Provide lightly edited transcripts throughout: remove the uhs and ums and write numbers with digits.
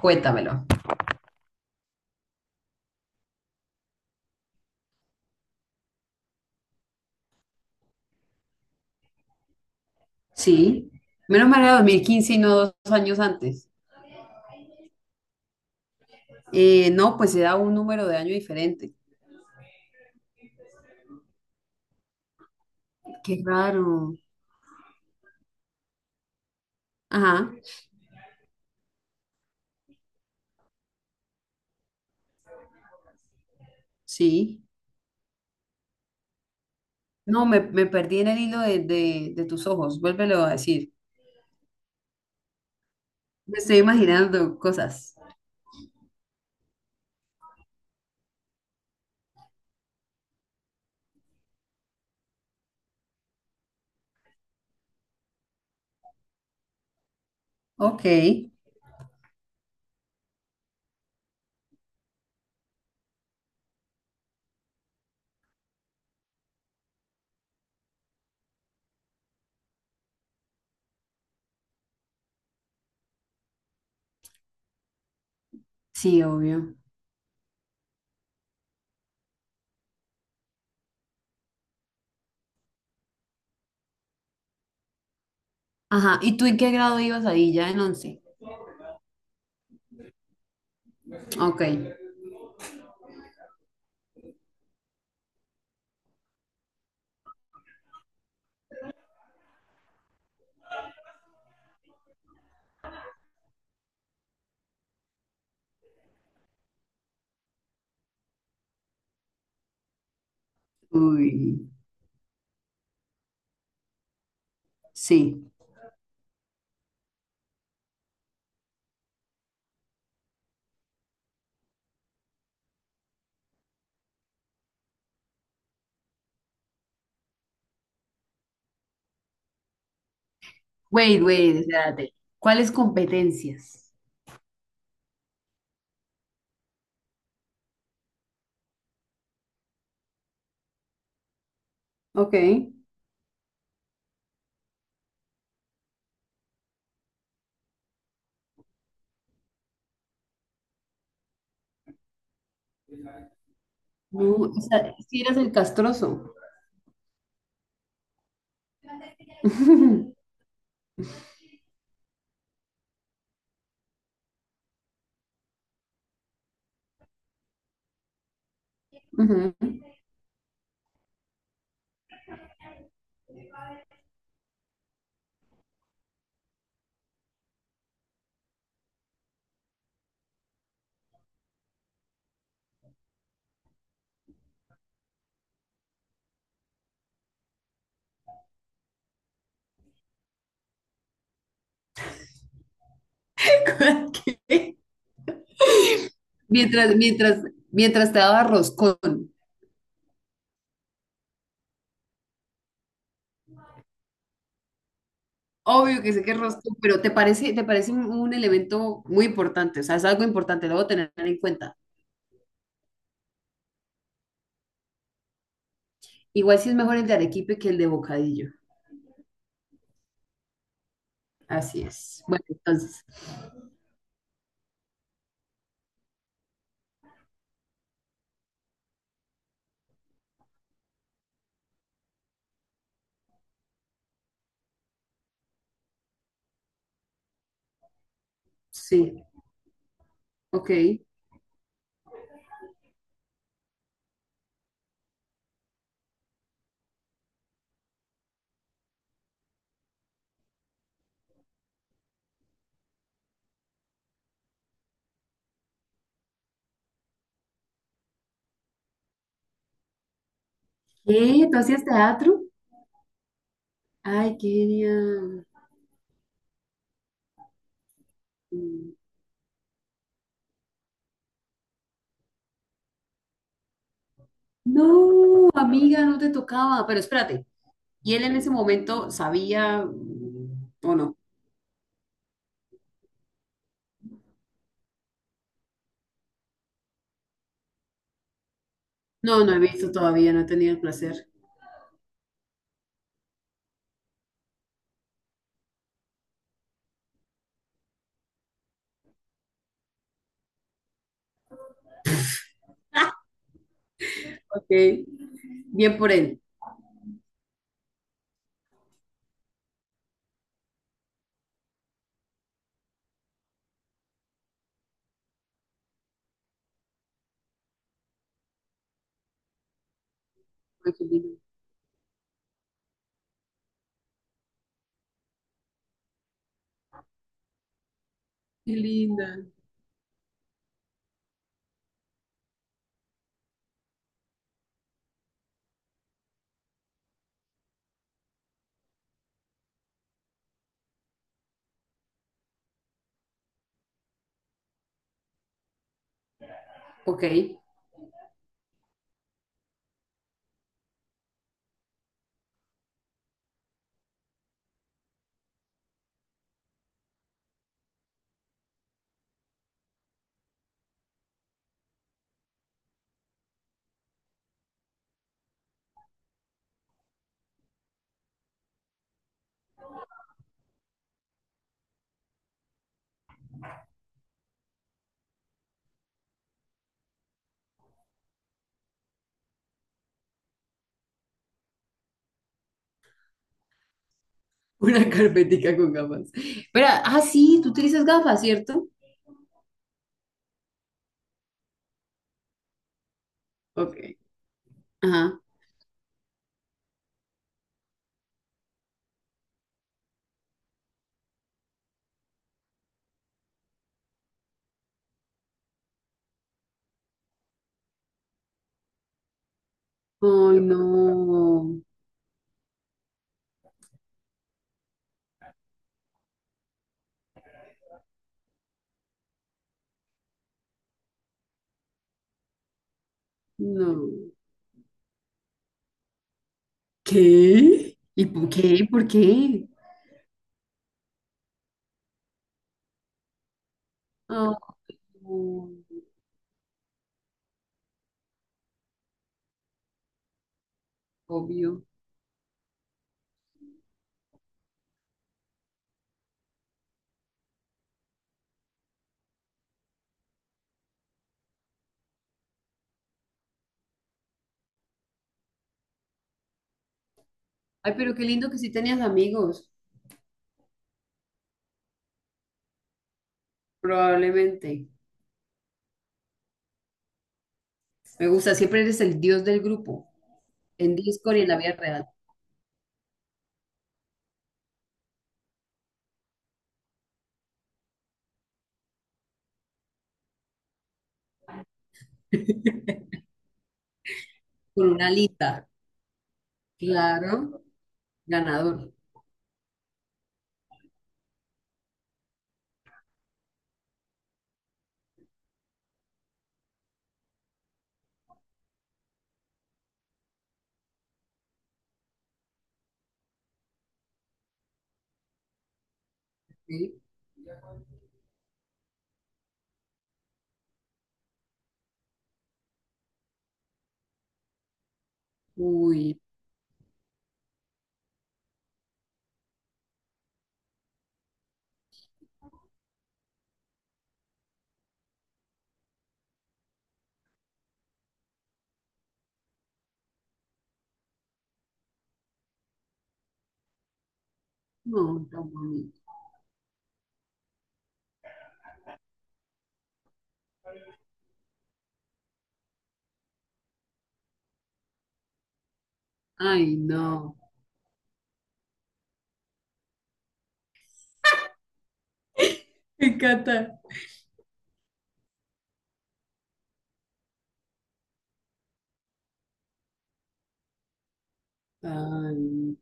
Cuéntamelo. Sí. Menos mal era 2015 y no dos años antes. No, pues se da un número de año diferente. Qué raro. Ajá, sí. No, me perdí en el hilo de tus ojos. Vuélvelo a decir. Me estoy imaginando cosas. Ok. Sí, obvio. Ajá. ¿Y tú en qué grado ibas ahí? ¿Ya en once? Ok. Uy, sí. Wait, wait, espérate. ¿Cuáles competencias? Ok. No, o sea, si eras el castroso. Ujú. ¿Qué? Mientras, mientras, mientras te daba roscón. Obvio que sé que es roscón, pero te parece un elemento muy importante, o sea, es algo importante, lo debo tener en cuenta. Igual si es mejor el de arequipe que el de bocadillo. Así es. Bueno, entonces, sí, ok. ¿Qué? ¿Tú hacías teatro? Ay, qué genial. No, amiga, no te tocaba. Pero espérate, ¿y él en ese momento sabía mm, o no? No, no he visto todavía, no he tenido el placer. Ok, bien por él. Ay, qué lindo. Qué linda. Ok, una carpetica con gafas. Espera, ah, sí, tú utilizas gafas, ¿cierto? Ok, ajá. Ay, no, no. ¿Qué? ¿Y por qué? ¿Por qué? Ah, no, obvio. Ay, pero qué lindo que sí tenías amigos, probablemente. Me gusta, siempre eres el dios del grupo, en Discord y en la vida real, con una lita. Claro. Ganador. ¿Sí? Uy, no, tan bonito. Ay, no. Me encanta. Ay,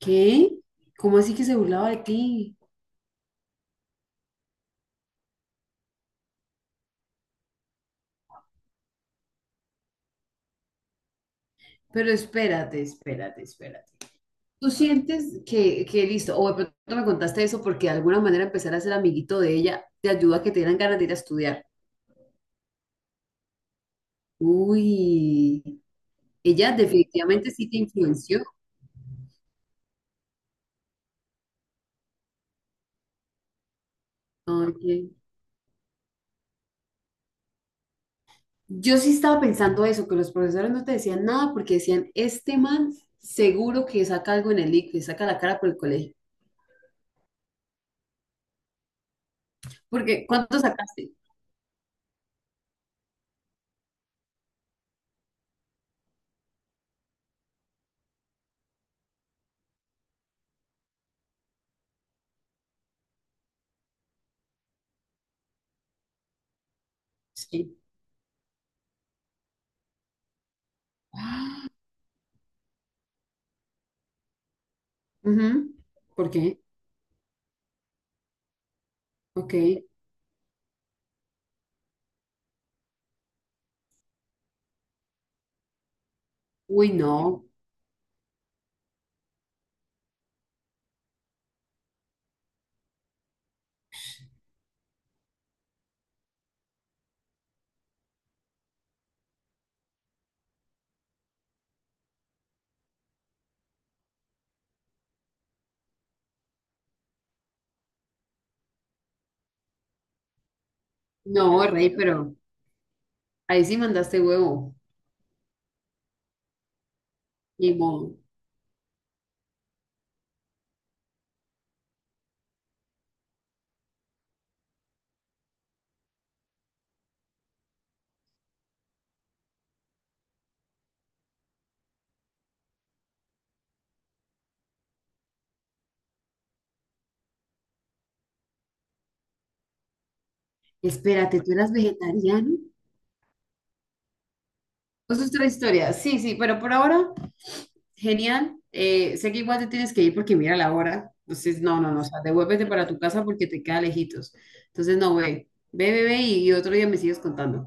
¿qué? ¿Cómo así que se burlaba de ti? Pero espérate, espérate, espérate. ¿Tú sientes que listo? O de pronto me contaste eso porque de alguna manera empezar a ser amiguito de ella te ayuda a que te dieran ganas de ir a estudiar. Uy, ella definitivamente sí te influenció. Ok. Yo sí estaba pensando eso, que los profesores no te decían nada porque decían, este man seguro que saca algo en el ICFES, saca la cara por el colegio. Porque, ¿cuánto sacaste? Sí. Ujú. ¿Por qué? Ok. Uy, no. No, rey, pero ahí sí mandaste huevo. Ni modo. Espérate, ¿tú eras vegetariano? Eso es otra historia. Sí, sí, pero por ahora genial. Sé que igual te tienes que ir porque mira la hora. Entonces, no, no, no. O sea, devuélvete para tu casa porque te queda lejitos. Entonces, no, ve. Ve, ve, ve y otro día me sigues contando.